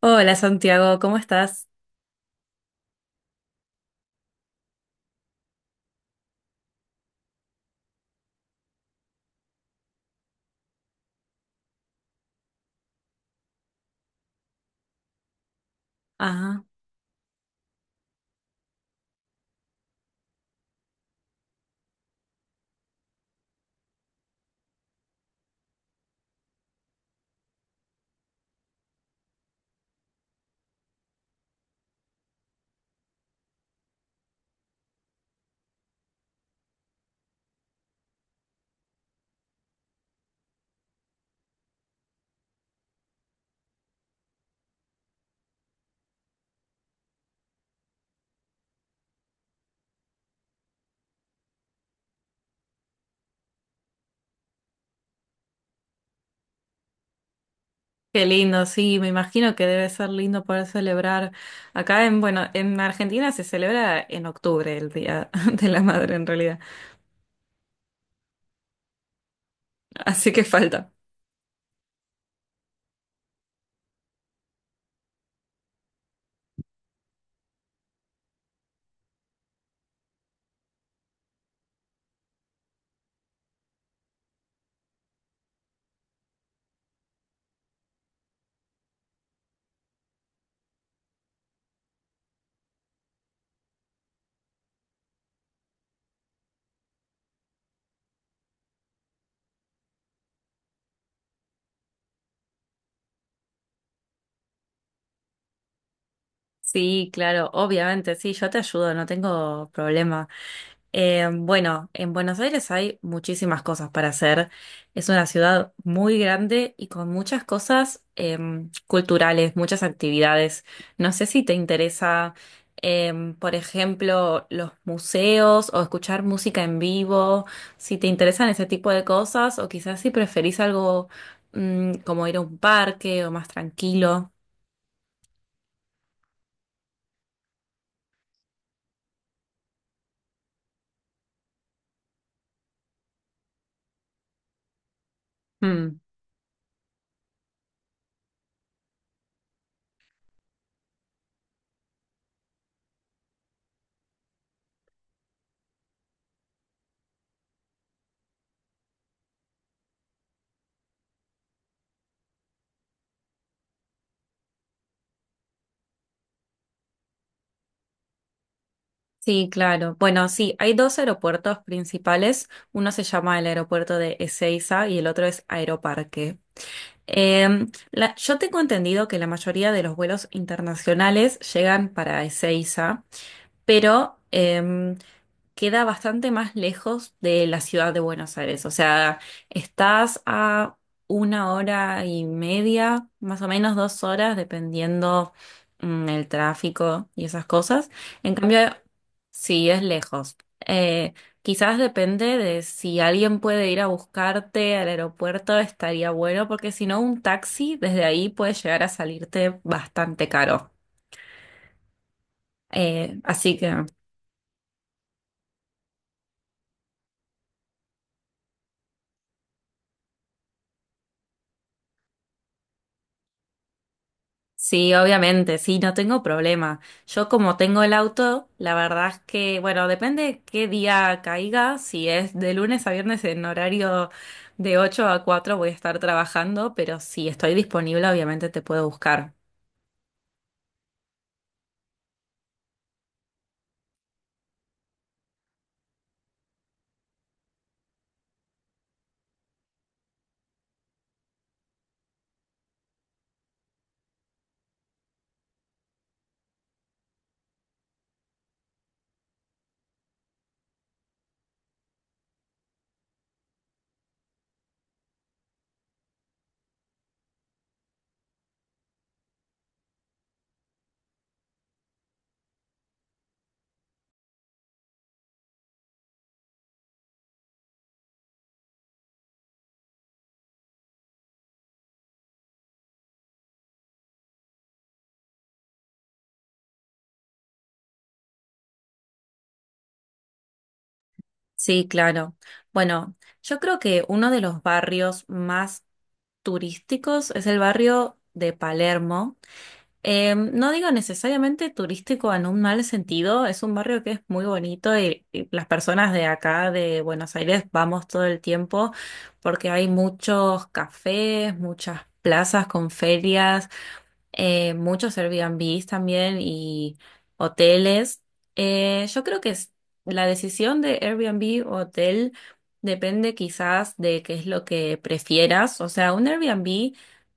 Hola Santiago, ¿cómo estás? Ah, qué lindo, sí, me imagino que debe ser lindo poder celebrar. Acá en, bueno, en Argentina se celebra en octubre el Día de la Madre en realidad, así que falta. Sí, claro, obviamente, sí, yo te ayudo, no tengo problema. Bueno, en Buenos Aires hay muchísimas cosas para hacer. Es una ciudad muy grande y con muchas cosas culturales, muchas actividades. No sé si te interesa, por ejemplo, los museos o escuchar música en vivo, si te interesan ese tipo de cosas o quizás si preferís algo como ir a un parque o más tranquilo. Sí, claro. Bueno, sí, hay dos aeropuertos principales. Uno se llama el aeropuerto de Ezeiza y el otro es Aeroparque. Eh, yo tengo entendido que la mayoría de los vuelos internacionales llegan para Ezeiza, pero queda bastante más lejos de la ciudad de Buenos Aires. O sea, estás a una hora y media, más o menos dos horas, dependiendo el tráfico y esas cosas. En cambio, sí es lejos. Eh, quizás depende de si alguien puede ir a buscarte al aeropuerto, estaría bueno, porque si no, un taxi desde ahí puede llegar a salirte bastante caro. Así que. Sí, obviamente, sí, no tengo problema. Yo como tengo el auto, la verdad es que, bueno, depende qué día caiga, si es de lunes a viernes en horario de 8 a 4 voy a estar trabajando, pero si estoy disponible, obviamente te puedo buscar. Sí, claro. Bueno, yo creo que uno de los barrios más turísticos es el barrio de Palermo. No digo necesariamente turístico en un mal sentido, es un barrio que es muy bonito y las personas de acá de Buenos Aires vamos todo el tiempo porque hay muchos cafés, muchas plazas con ferias, muchos Airbnbs también y hoteles. Yo creo que es- La decisión de Airbnb o hotel depende quizás de qué es lo que prefieras. O sea, un Airbnb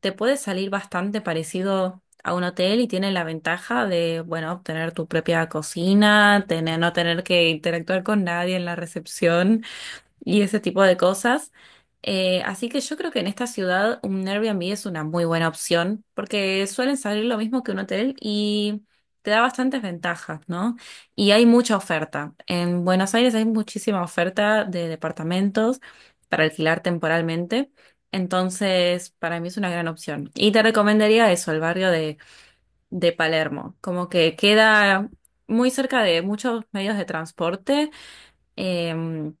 te puede salir bastante parecido a un hotel y tiene la ventaja de, bueno, obtener tu propia cocina, tener, no tener que interactuar con nadie en la recepción y ese tipo de cosas. Así que yo creo que en esta ciudad un Airbnb es una muy buena opción porque suelen salir lo mismo que un hotel y te da bastantes ventajas, ¿no? Y hay mucha oferta. En Buenos Aires hay muchísima oferta de departamentos para alquilar temporalmente. Entonces, para mí es una gran opción. Y te recomendaría eso, el barrio de Palermo. Como que queda muy cerca de muchos medios de transporte. Em,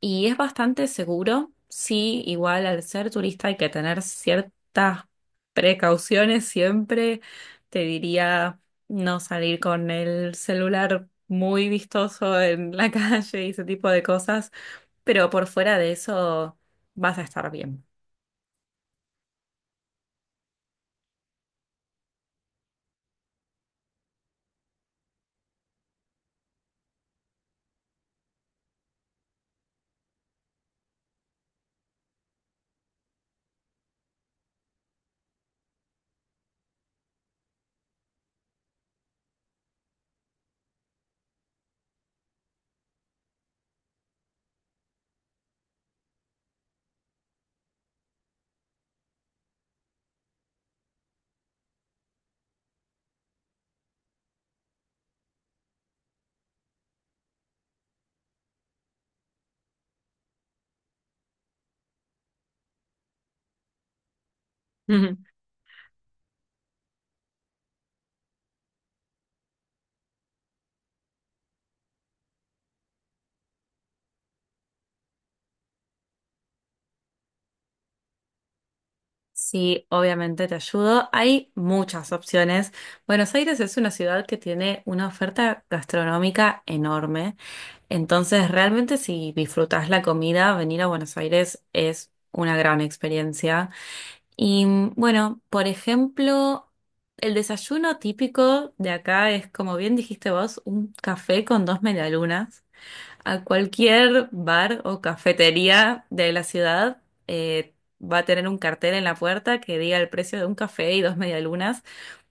y es bastante seguro, sí, igual al ser turista hay que tener ciertas precauciones siempre. Te diría no salir con el celular muy vistoso en la calle y ese tipo de cosas, pero por fuera de eso vas a estar bien. Ujú. Sí, obviamente te ayudo. Hay muchas opciones. Buenos Aires es una ciudad que tiene una oferta gastronómica enorme. Entonces, realmente si disfrutas la comida, venir a Buenos Aires es una gran experiencia. Y bueno, por ejemplo, el desayuno típico de acá es, como bien dijiste vos, un café con dos medialunas. A cualquier bar o cafetería de la ciudad va a tener un cartel en la puerta que diga el precio de un café y dos medialunas.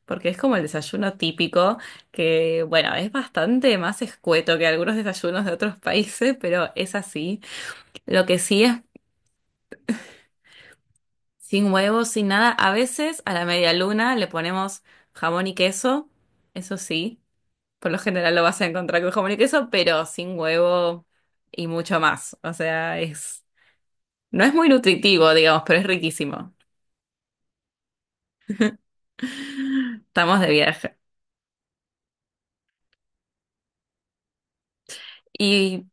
Porque es como el desayuno típico, que bueno, es bastante más escueto que algunos desayunos de otros países, pero es así. Lo que sí es sin huevos, sin nada. A veces a la media luna le ponemos jamón y queso, eso sí. Por lo general lo vas a encontrar con jamón y queso, pero sin huevo y mucho más. O sea, es, no es muy nutritivo, digamos, pero es riquísimo. Estamos de viaje. Y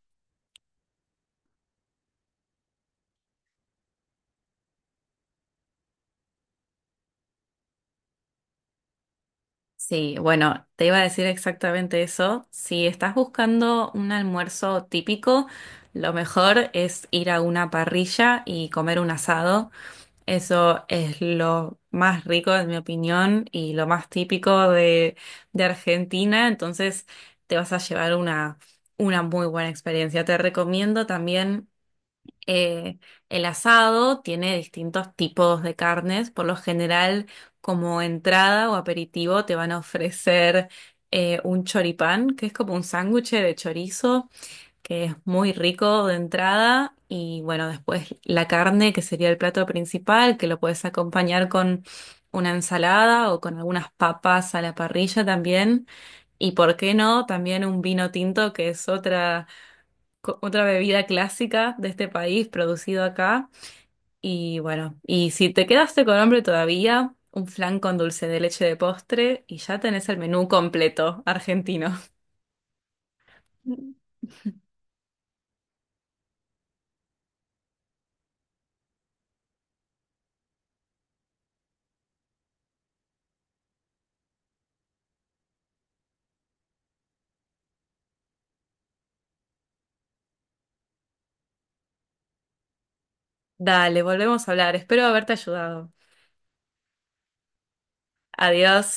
sí, bueno, te iba a decir exactamente eso. Si estás buscando un almuerzo típico, lo mejor es ir a una parrilla y comer un asado. Eso es lo más rico, en mi opinión, y lo más típico de Argentina. Entonces, te vas a llevar una muy buena experiencia. Te recomiendo también eh, el asado tiene distintos tipos de carnes. Por lo general, como entrada o aperitivo, te van a ofrecer un choripán, que es como un sándwich de chorizo, que es muy rico de entrada. Y bueno, después la carne, que sería el plato principal, que lo puedes acompañar con una ensalada o con algunas papas a la parrilla también. Y por qué no, también un vino tinto, que es otra otra bebida clásica de este país, producido acá. Y bueno, y si te quedaste con hambre todavía, un flan con dulce de leche de postre y ya tenés el menú completo argentino. Dale, volvemos a hablar. Espero haberte ayudado. Adiós.